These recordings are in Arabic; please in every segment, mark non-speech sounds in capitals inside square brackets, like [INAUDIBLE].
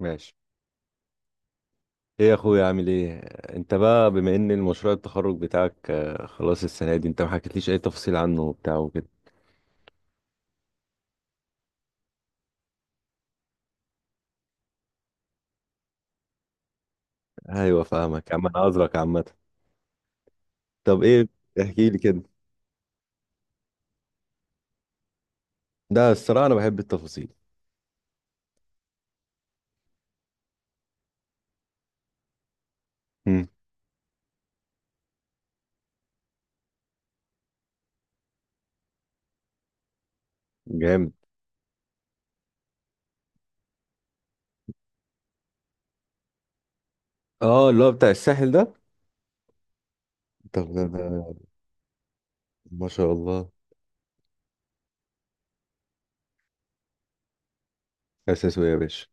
ماشي. ايه يا اخويا، عامل ايه؟ انت بقى بما ان المشروع التخرج بتاعك، خلاص السنه دي انت ما حكيتليش اي تفصيل عنه وبتاع وكده. ايوه فاهمك يا عم، انا عذرك عامه. طب ايه، احكي لي كده. ده الصراحه انا بحب التفاصيل. امم. جامد. اه اللي هو بتاع الساحل ده. طب ده. ما شاء الله. اساسه ايه يا باشا؟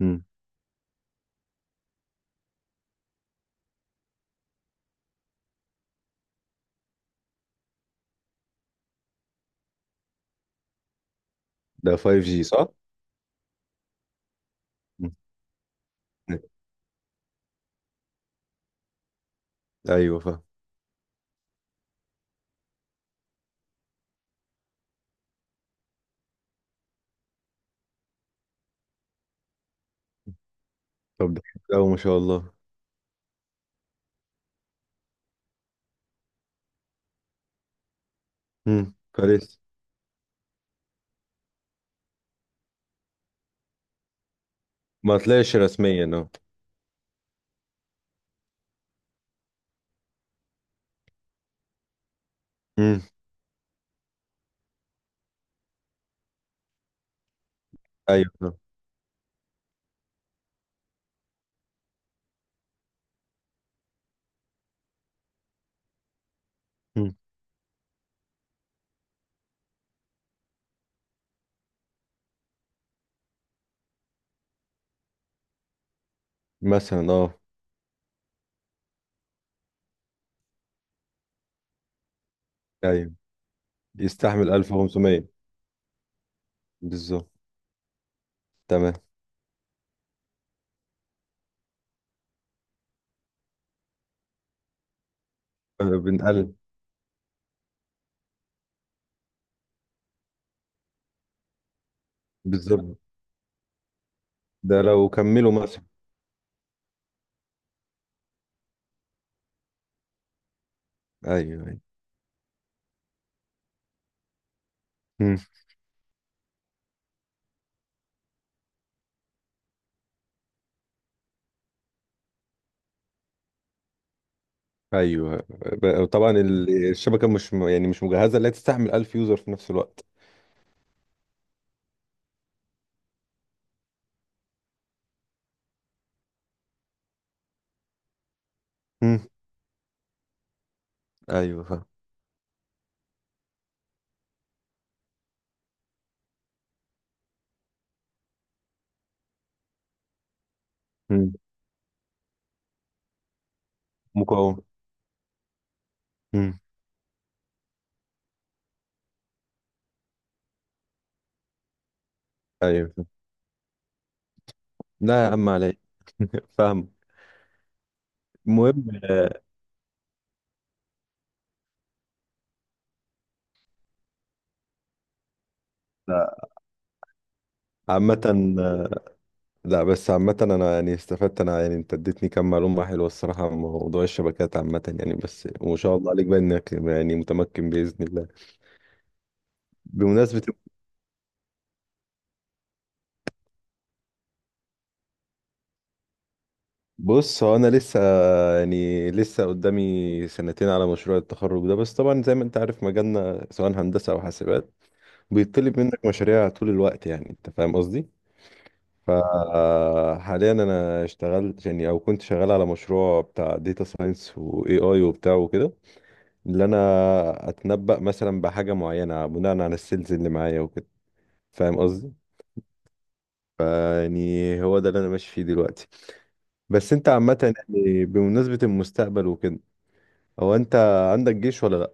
امم. ده 5G صح؟ مم. ايوه فاهم. طب ده حلو أوي ما شاء الله. فلسه ما طلعش رسميا اه. امم. ايوه فاهم. مم. مثلا اه. ايوه. يستحمل 1500. بالظبط. تمام. بنقل. بالظبط. ده لو كملوا مثلا. ايوه ايوه. مم. ايوه، طبعا الشبكه مش يعني مش مجهزه لا تستحمل 1000 يوزر في نفس الوقت. مم. ايوه فاهم. مم. مقاومه. مم. ايوه فاهم. لا يا عم علي. [LAUGHS] فاهم. المهم. لا عامة. آه، لا بس عامة أنا يعني استفدت، أنا يعني أنت اديتني كم معلومة حلوة الصراحة عن موضوع الشبكات عامة يعني، بس وما شاء الله عليك بقى إنك يعني متمكن بإذن الله. بمناسبة. بص، هو أنا لسه، يعني لسه قدامي 2 سنتين على مشروع التخرج ده، بس طبعا زي ما أنت عارف مجالنا سواء هندسة أو حاسبات بيطلب منك مشاريع طول الوقت. يعني أنت فاهم قصدي؟ فحاليا أنا اشتغلت، يعني أو كنت شغال على مشروع بتاع داتا ساينس وإي آي وبتاع وكده. اللي أنا أتنبأ مثلا بحاجة معينة بناء على السيلز اللي معايا وكده. فاهم. فيعني هو ده اللي انا ماشي فيه دلوقتي. بس انت عامة يعني بمناسبة المستقبل وكده، هو انت عندك جيش ولا لا؟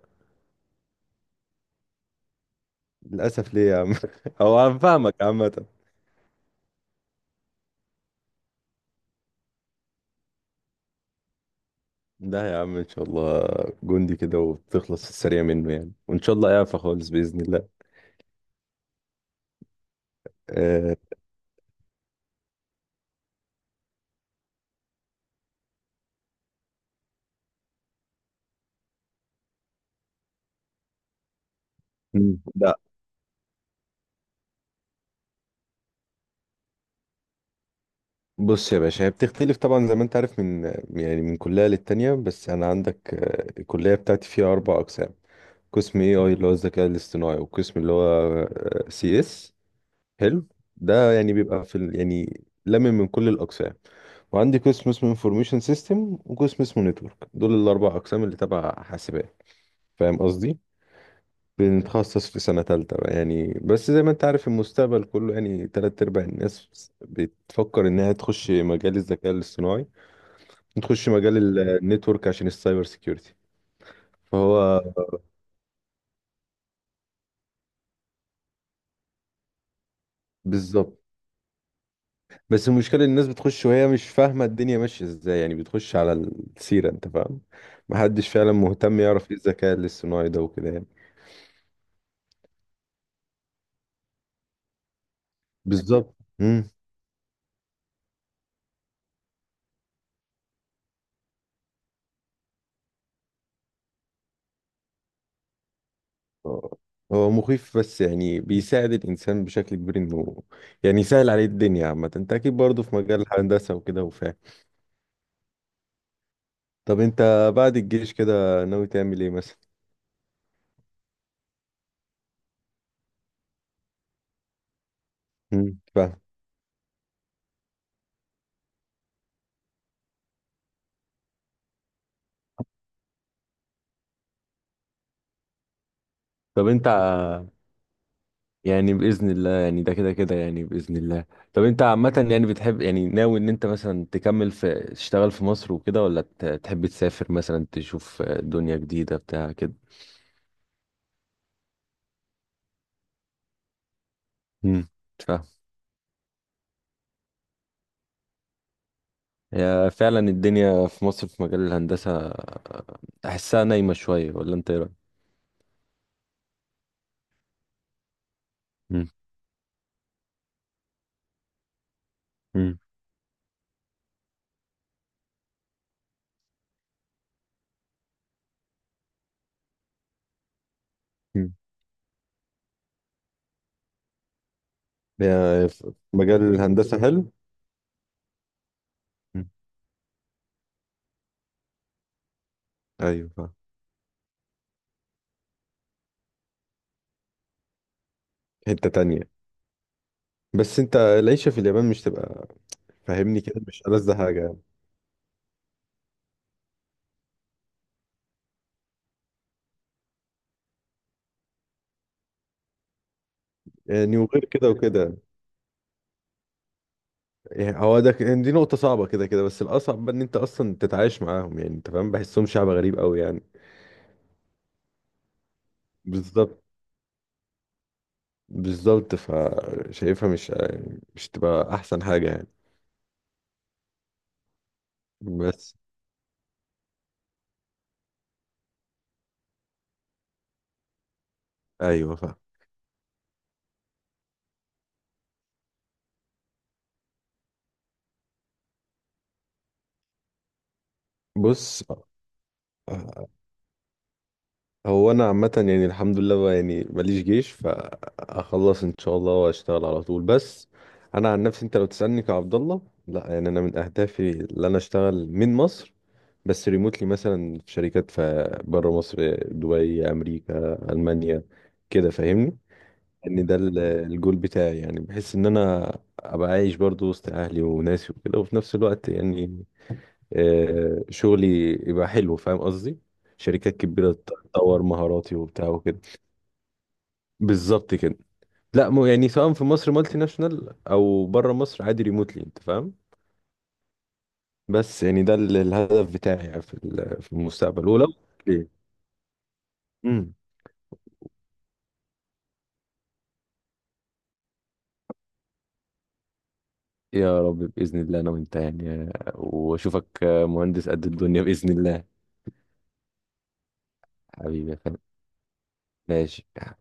للأسف. ليه يا عم؟ [LAUGHS] هو انا فاهمك عامة. لا يا عم ان شاء الله. جندي كده وتخلص السريع منه يعني، وان شاء الله اعفى خالص بإذن الله. آه، مم. لا. بص يا باشا، هي بتختلف طبعا زي ما انت عارف من كلية للتانية. بس انا عندك، الكلية بتاعتي فيها 4 اقسام. قسم اي اي اللي هو الذكاء الاصطناعي، وقسم اللي هو سي اس. حلو. ده يعني بيبقى يعني لمن من كل الاقسام. وعندي قسم اسمه انفورميشن سيستم، وقسم اسمه نتورك. دول ال4 اقسام اللي تبع حاسبات. فاهم قصدي؟ بنتخصص في سنة تالتة بقى يعني. بس زي ما انت عارف المستقبل كله يعني تلات ارباع الناس بتفكر انها تخش مجال الذكاء الاصطناعي، تخش مجال النتورك عشان السايبر سيكيورتي. فهو، بالظبط. بس المشكلة إن الناس بتخش وهي مش فاهمة الدنيا ماشية ازاي يعني، بتخش على السيرة انت فاهم. محدش فعلا مهتم يعرف ايه الذكاء الاصطناعي ده وكده يعني. بالظبط. مم. هو هو مخيف، بس يعني بيساعد الإنسان بشكل كبير إنه يعني يسهل عليه الدنيا عامة. انت أكيد برضه في مجال الهندسة وكده وفاهم. طب انت بعد الجيش كده ناوي تعمل ايه مثلا؟ مم. فاهم. طب انت، يعني بإذن الله، يعني ده كده كده يعني بإذن الله. طب انت عامة يعني بتحب، يعني ناوي ان انت مثلا تكمل في تشتغل في مصر وكده، ولا تحب تسافر مثلا تشوف دنيا جديدة بتاع كده؟ امم. فاهم. هي فعلا الدنيا في مصر في مجال الهندسة احسها نايمة شوية، ولا انت ايه رأيك؟ مم. مم. مم. يعني في مجال الهندسة حلو. مم. ايوه فاهم. حتة تانية. بس انت العيشة في اليابان مش تبقى فاهمني، كده مش ألذ حاجة يعني. وغير كده وكده، يعني هو ده دي نقطة صعبة كده كده، بس الأصعب بقى إن أنت أصلا تتعايش معاهم يعني. أنت فاهم، بحسهم شعب غريب أوي يعني. بالظبط. بالظبط فشايفها مش تبقى أحسن حاجة يعني. بس أيوه فاهم. بص، هو أنا عامة يعني الحمد لله بقى يعني ماليش جيش فأخلص إن شاء الله وأشتغل على طول. بس أنا عن نفسي، أنت لو تسألني كعبد الله، لا يعني أنا من أهدافي اللي أنا أشتغل من مصر، بس ريموتلي مثلا في شركات في بره مصر، دبي، امريكا، المانيا، كده فاهمني. ان ده الجول بتاعي يعني. بحس ان انا ابقى عايش برضو وسط اهلي وناسي وكده، وفي نفس الوقت يعني شغلي يبقى حلو. فاهم قصدي؟ شركات كبيرة تطور مهاراتي وبتاع وكده. بالظبط كده. لا، مو يعني سواء في مصر مالتي ناشونال او بره مصر عادي ريموتلي، انت فاهم. بس يعني ده الهدف بتاعي يعني في في المستقبل. ولو. ليه. يا رب بإذن الله أنا وأنت يعني، وأشوفك مهندس قد الدنيا بإذن الله. حبيبي يا فندم. ماشي.